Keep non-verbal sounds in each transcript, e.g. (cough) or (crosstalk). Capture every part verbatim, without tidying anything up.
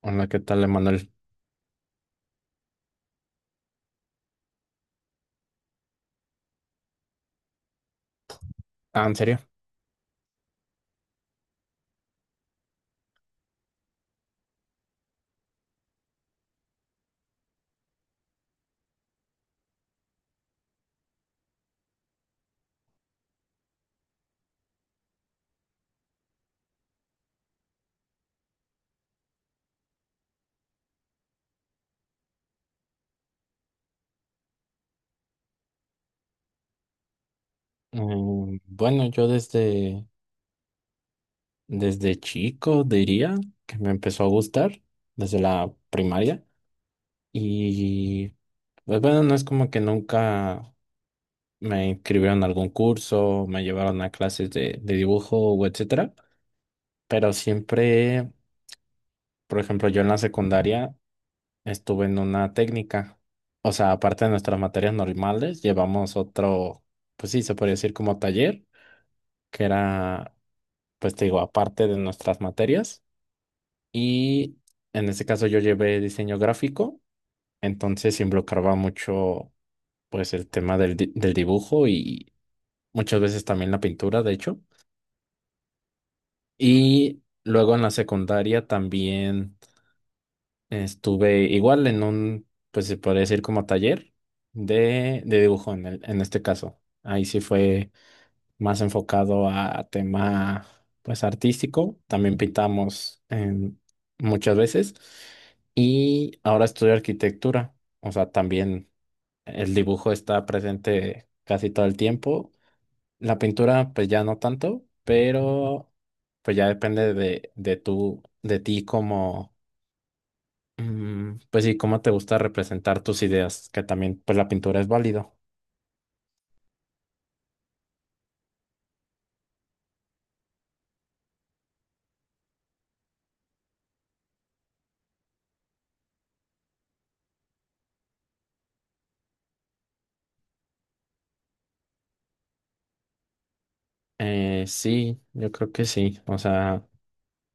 Hola, ¿qué tal, Emanuel? Ah, ¿en serio? Mm, bueno, yo desde, desde chico diría que me empezó a gustar desde la primaria, y pues bueno, no es como que nunca me inscribieron a algún curso, me llevaron a clases de, de dibujo o etcétera, pero siempre, por ejemplo, yo en la secundaria estuve en una técnica, o sea, aparte de nuestras materias normales, llevamos otro, pues sí, se podría decir como taller, que era, pues te digo, aparte de nuestras materias. Y en ese caso yo llevé diseño gráfico, entonces involucraba mucho, pues, el tema del, di- del dibujo y muchas veces también la pintura, de hecho. Y luego en la secundaria también estuve igual en un, pues se podría decir como taller de, de dibujo en el, en este caso. Ahí sí fue más enfocado a, a tema pues artístico. También pintamos en- muchas veces. Y ahora estudio arquitectura. O sea, también el dibujo está presente casi todo el tiempo. La pintura, pues ya no tanto, pero pues ya depende de, de tú, de ti, como, mm, pues sí, cómo te gusta representar tus ideas, que también, pues la pintura es válido. Eh, sí, yo creo que sí. O sea,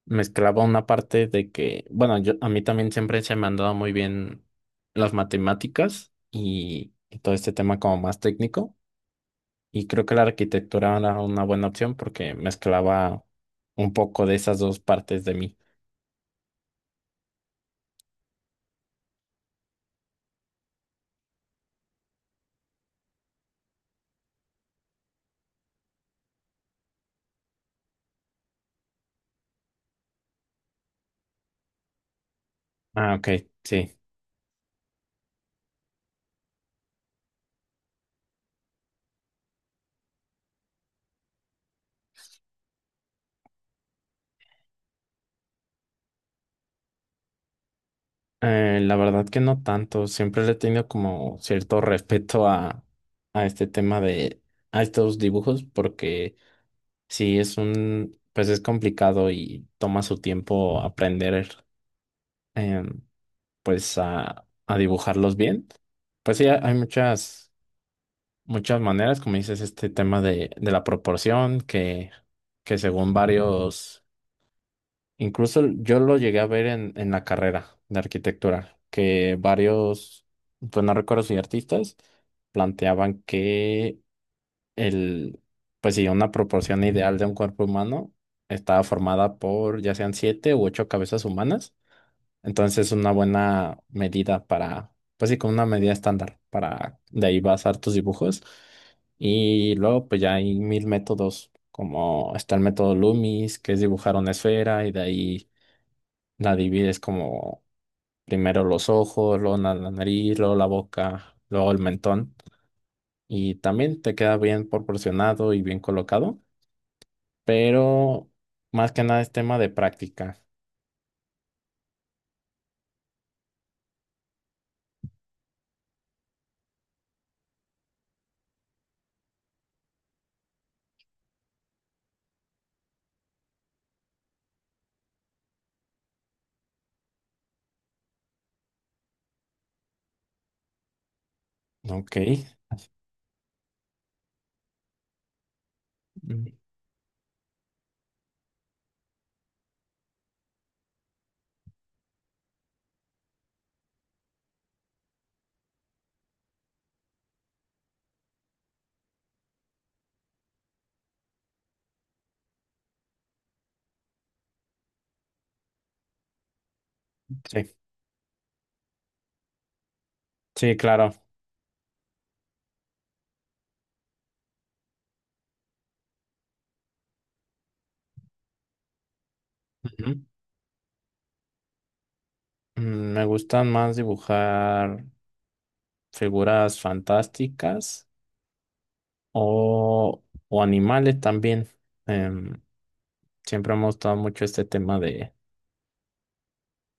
mezclaba una parte de que, bueno, yo, a mí también siempre se me han dado muy bien las matemáticas y, y todo este tema como más técnico. Y creo que la arquitectura era una buena opción porque mezclaba un poco de esas dos partes de mí. Ah, ok, sí. Eh, la verdad que no tanto. Siempre le he tenido como cierto (laughs) respeto a, a este tema de, a estos dibujos porque sí es un, pues es complicado y toma su tiempo aprender. em, pues a, a dibujarlos bien. Pues sí, hay muchas, muchas maneras, como dices, este tema de, de la proporción, que, que según varios, incluso yo lo llegué a ver en, en la carrera de arquitectura, que varios, pues no recuerdo si artistas, planteaban que el, pues sí, una proporción ideal de un cuerpo humano estaba formada por ya sean siete u ocho cabezas humanas. Entonces es una buena medida para, pues sí, como una medida estándar para de ahí basar tus dibujos. Y luego pues ya hay mil métodos, como está el método Loomis, que es dibujar una esfera y de ahí la divides como primero los ojos, luego na- la nariz, luego la boca, luego el mentón. Y también te queda bien proporcionado y bien colocado, pero más que nada es tema de práctica. Ok. Mm, sí, sí, claro. Mm, Me gustan más dibujar figuras fantásticas o, o animales también. Em, Siempre me ha gustado mucho este tema de,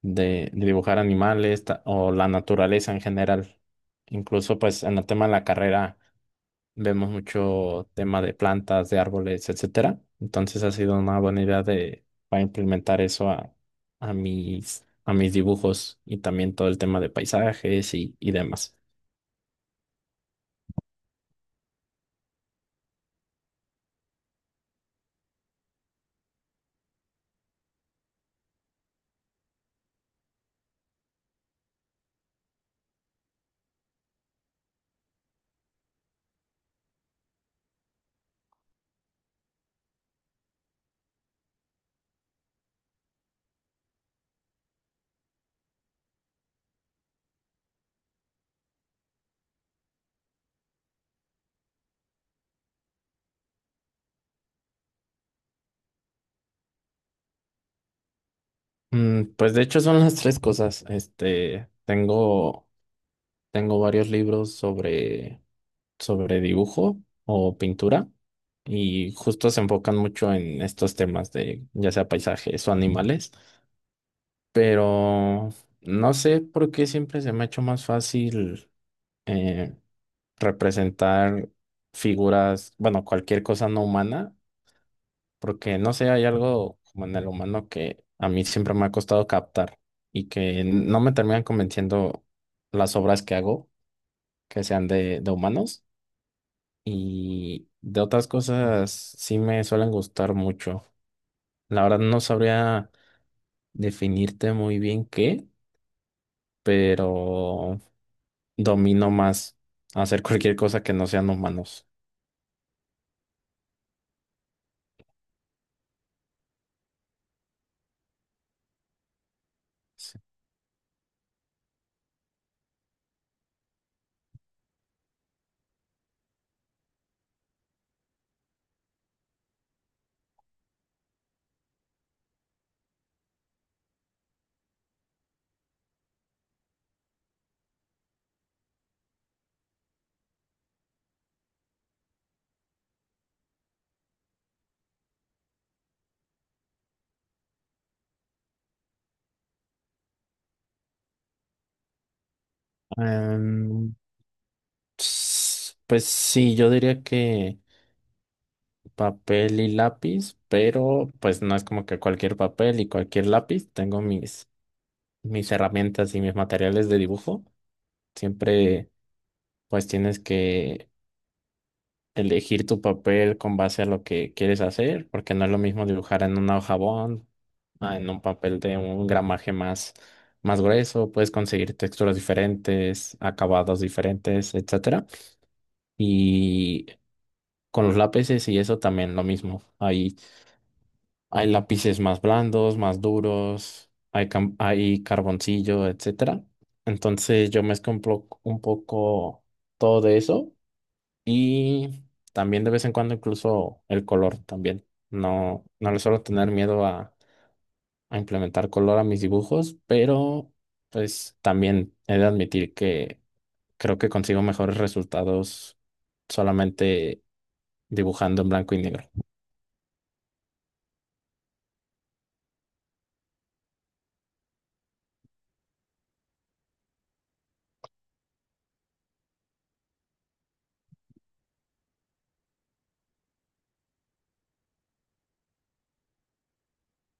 de- de dibujar animales, ta- o la naturaleza en general. Incluso pues en el tema de la carrera vemos mucho tema de plantas, de árboles, etcétera. Entonces ha sido una buena idea de, para implementar eso a, a mis, a mis dibujos, y también todo el tema de paisajes y, y demás. Mm, pues de hecho son las tres cosas. Este, tengo, tengo varios libros sobre, sobre dibujo o pintura, y justo se enfocan mucho en estos temas de ya sea paisajes o animales, pero no sé por qué siempre se me ha hecho más fácil, eh, representar figuras, bueno, cualquier cosa no humana, porque no sé, hay algo como en el humano que a mí siempre me ha costado captar y que no me terminan convenciendo las obras que hago, que sean de, de humanos, y de otras cosas sí me suelen gustar mucho. La verdad no sabría definirte muy bien qué, pero domino más hacer (laughs) cualquier cosa que no sean humanos. Sí. Em, s- pues sí, yo diría que papel y lápiz, pero pues no es como que cualquier papel y cualquier lápiz. Tengo mis, mis herramientas y mis materiales de dibujo. Siempre pues tienes que elegir tu papel con base a lo que quieres hacer, porque no es lo mismo dibujar en una hoja bond, a en un papel de un gramaje más, más grueso. Puedes conseguir texturas diferentes, acabados diferentes, etcétera. Y con los lápices y eso también lo mismo. Hay Hay lápices más blandos, más duros, hay, cam- hay carboncillo, etcétera. Entonces yo mezclo un, plo- un poco todo de eso, y también de vez en cuando incluso el color también. No, no le suelo tener miedo a, a implementar color a mis dibujos, pero pues también he de admitir que creo que consigo mejores resultados solamente dibujando en blanco y negro.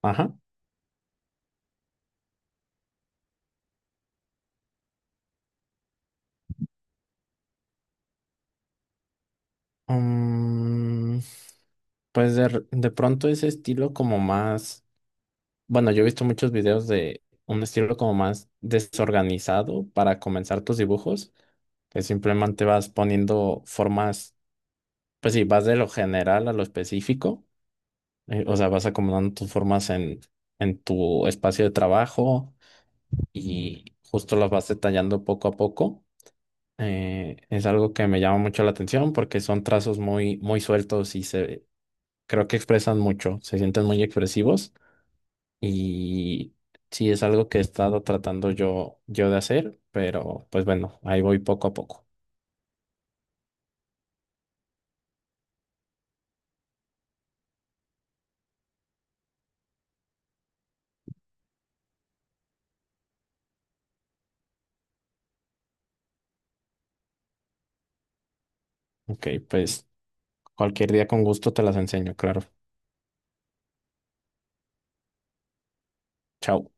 Ajá. Mm, pues de, r- de pronto ese estilo como más, bueno, yo he visto muchos videos de un estilo como más desorganizado para comenzar tus dibujos, que simplemente vas poniendo formas, pues sí, vas de lo general a lo específico, eh, o sea, vas acomodando tus formas en, en tu espacio de trabajo, y justo las vas detallando poco a poco. Eh, es algo que me llama mucho la atención porque son trazos muy, muy sueltos y se, creo que expresan mucho, se sienten muy expresivos, y sí es algo que he estado tratando yo, yo de hacer, pero pues bueno, ahí voy poco a poco. Ok, pues cualquier día con gusto te las enseño, claro. Chao.